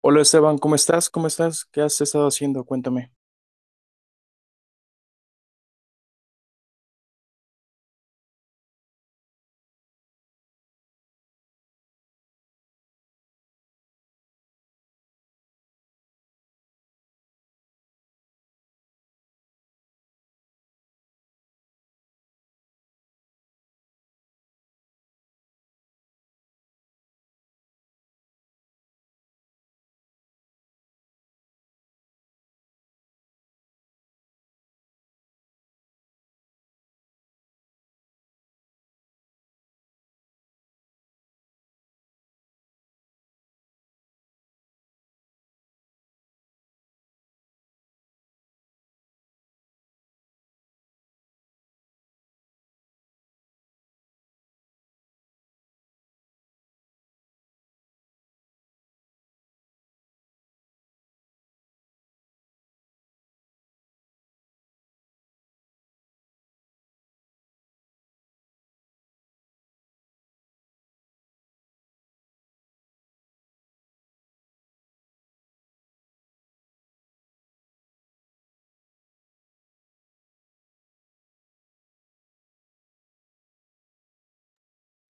Hola Esteban, ¿cómo estás? ¿Cómo estás? ¿Qué has estado haciendo? Cuéntame.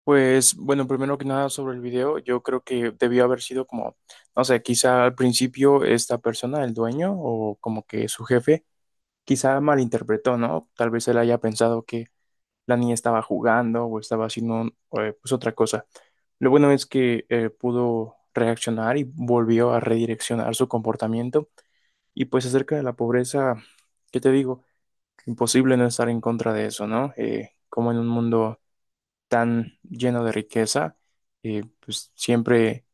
Pues bueno, primero que nada sobre el video, yo creo que debió haber sido como, no sé, quizá al principio esta persona, el dueño o como que su jefe, quizá malinterpretó, ¿no? Tal vez él haya pensado que la niña estaba jugando o estaba haciendo pues otra cosa. Lo bueno es que pudo reaccionar y volvió a redireccionar su comportamiento. Y pues acerca de la pobreza, ¿qué te digo? Imposible no estar en contra de eso, ¿no? Como en un mundo tan lleno de riqueza, pues siempre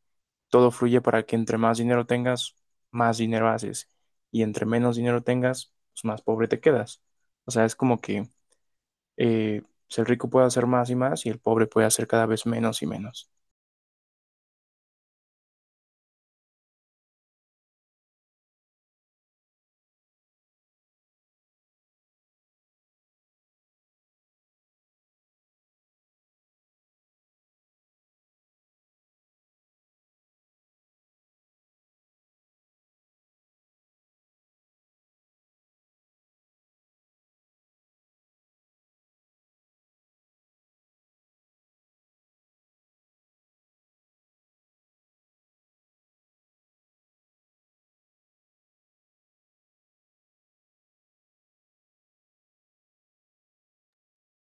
todo fluye para que entre más dinero tengas, más dinero haces, y entre menos dinero tengas, pues más pobre te quedas. O sea, es como que el rico puede hacer más y más y el pobre puede hacer cada vez menos y menos.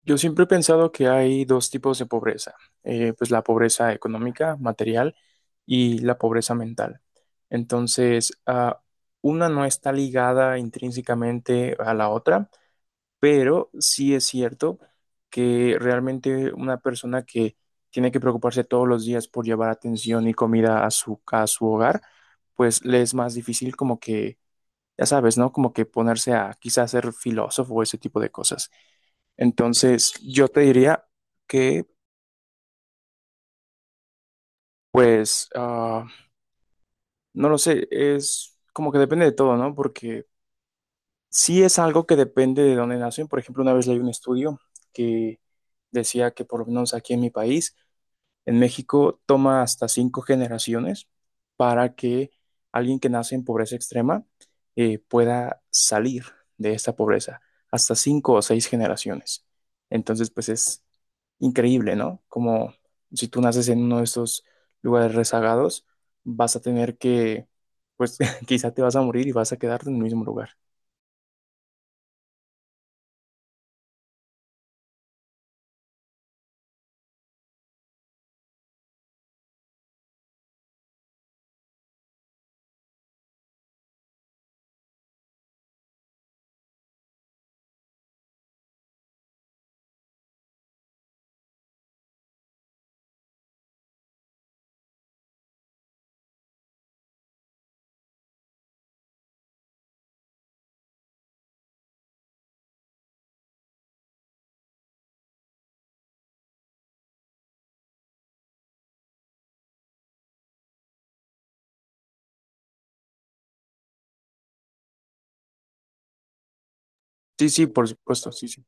Yo siempre he pensado que hay dos tipos de pobreza, pues la pobreza económica, material, y la pobreza mental. Entonces, una no está ligada intrínsecamente a la otra, pero sí es cierto que realmente una persona que tiene que preocuparse todos los días por llevar atención y comida a su hogar, pues le es más difícil como que, ya sabes, ¿no? Como que ponerse a quizás ser filósofo o ese tipo de cosas. Entonces, yo te diría que, pues, no lo sé, es como que depende de todo, ¿no? Porque sí es algo que depende de dónde nacen. Por ejemplo, una vez leí un estudio que decía que por lo menos aquí en mi país, en México toma hasta cinco generaciones para que alguien que nace en pobreza extrema pueda salir de esta pobreza, hasta cinco o seis generaciones. Entonces, pues es increíble, ¿no? Como si tú naces en uno de estos lugares rezagados, vas a tener que, pues quizá te vas a morir y vas a quedarte en el mismo lugar. Sí, sí, por supuesto, sí, sí.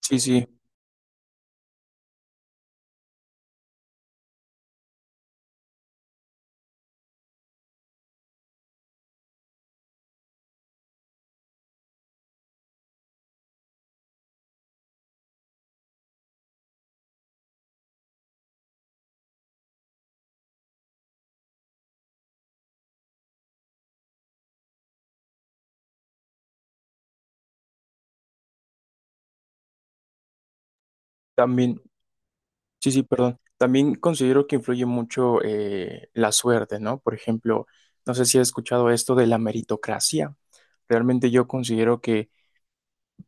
Sí, sí, también. Sí, sí, perdón. También considero que influye mucho la suerte, ¿no? Por ejemplo, no sé si has escuchado esto de la meritocracia. Realmente yo considero que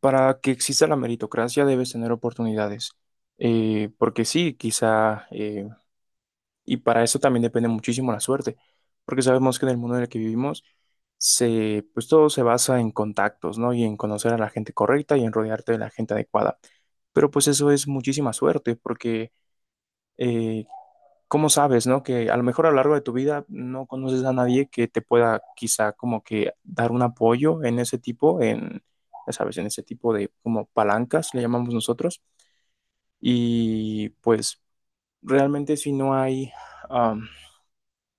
para que exista la meritocracia debes tener oportunidades. Porque sí, quizá, y para eso también depende muchísimo la suerte, porque sabemos que en el mundo en el que vivimos, se, pues todo se basa en contactos, ¿no? Y en conocer a la gente correcta y en rodearte de la gente adecuada. Pero pues eso es muchísima suerte, porque eh, ¿cómo sabes, no? Que a lo mejor a lo largo de tu vida no conoces a nadie que te pueda quizá como que dar un apoyo en ese tipo, ya sabes, en ese tipo de como palancas, le llamamos nosotros. Y pues realmente si no hay, am,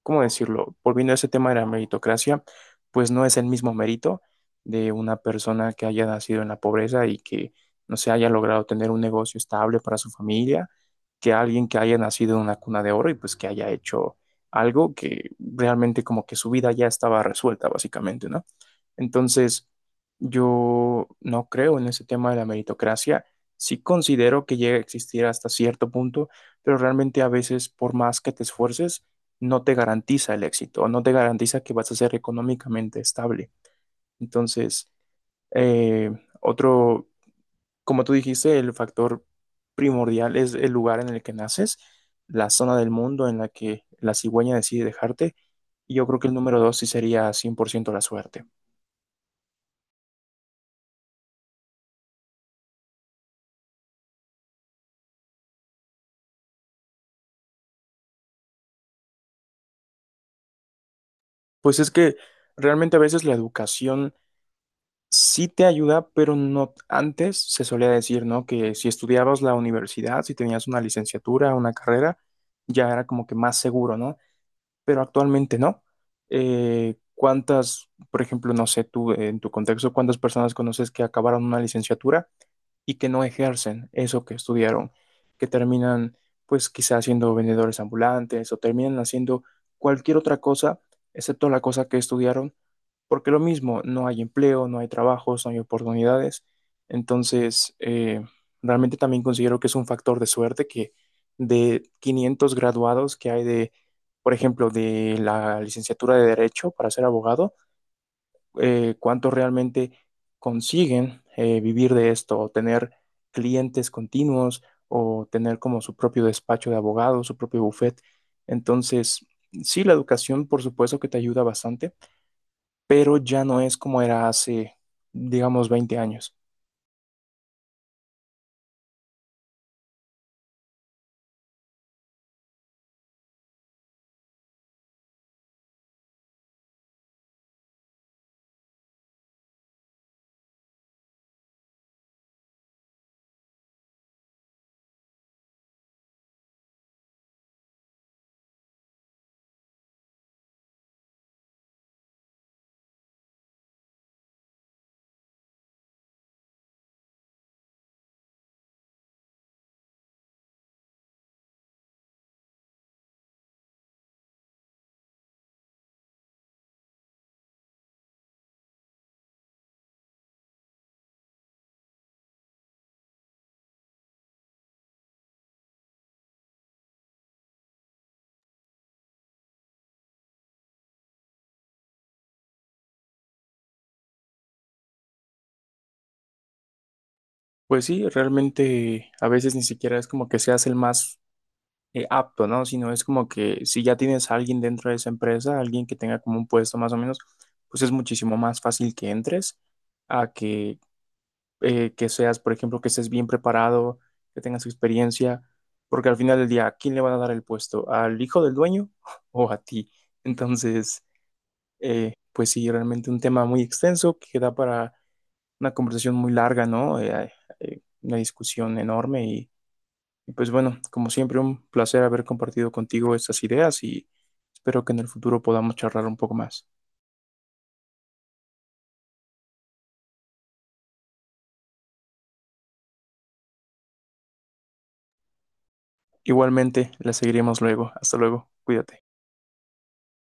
¿cómo decirlo? Volviendo a ese tema de la meritocracia, pues no es el mismo mérito de una persona que haya nacido en la pobreza y que no se haya logrado tener un negocio estable para su familia, que alguien que haya nacido en una cuna de oro y pues que haya hecho algo que realmente como que su vida ya estaba resuelta, básicamente, ¿no? Entonces, yo no creo en ese tema de la meritocracia. Sí considero que llega a existir hasta cierto punto, pero realmente a veces, por más que te esfuerces, no te garantiza el éxito, no te garantiza que vas a ser económicamente estable. Entonces, eh, otro, como tú dijiste, el factor primordial es el lugar en el que naces, la zona del mundo en la que la cigüeña decide dejarte. Y yo creo que el número dos sí sería 100% la suerte. Pues es que realmente a veces la educación sí te ayuda, pero no antes se solía decir, ¿no? Que si estudiabas la universidad, si tenías una licenciatura, una carrera, ya era como que más seguro, ¿no? Pero actualmente no. ¿Cuántas, por ejemplo, no sé, tú en tu contexto, cuántas personas conoces que acabaron una licenciatura y que no ejercen eso que estudiaron, que terminan pues quizás siendo vendedores ambulantes o terminan haciendo cualquier otra cosa excepto la cosa que estudiaron, porque lo mismo, no hay empleo, no hay trabajos, no hay oportunidades. Entonces, realmente también considero que es un factor de suerte que de 500 graduados que hay de, por ejemplo, de la licenciatura de Derecho para ser abogado, cuántos realmente consiguen vivir de esto o tener clientes continuos o tener como su propio despacho de abogados, su propio bufet. Entonces, sí, la educación por supuesto que te ayuda bastante, pero ya no es como era hace, digamos, 20 años. Pues sí, realmente a veces ni siquiera es como que seas el más apto, ¿no? Sino es como que si ya tienes a alguien dentro de esa empresa, alguien que tenga como un puesto más o menos, pues es muchísimo más fácil que entres a que seas, por ejemplo, que estés bien preparado, que tengas experiencia, porque al final del día, ¿a quién le van a dar el puesto? ¿Al hijo del dueño o a ti? Entonces, pues sí, realmente un tema muy extenso que da para una conversación muy larga, ¿no? Una discusión enorme y pues bueno, como siempre, un placer haber compartido contigo estas ideas y espero que en el futuro podamos charlar un poco más. Igualmente, las seguiremos luego. Hasta luego. Cuídate.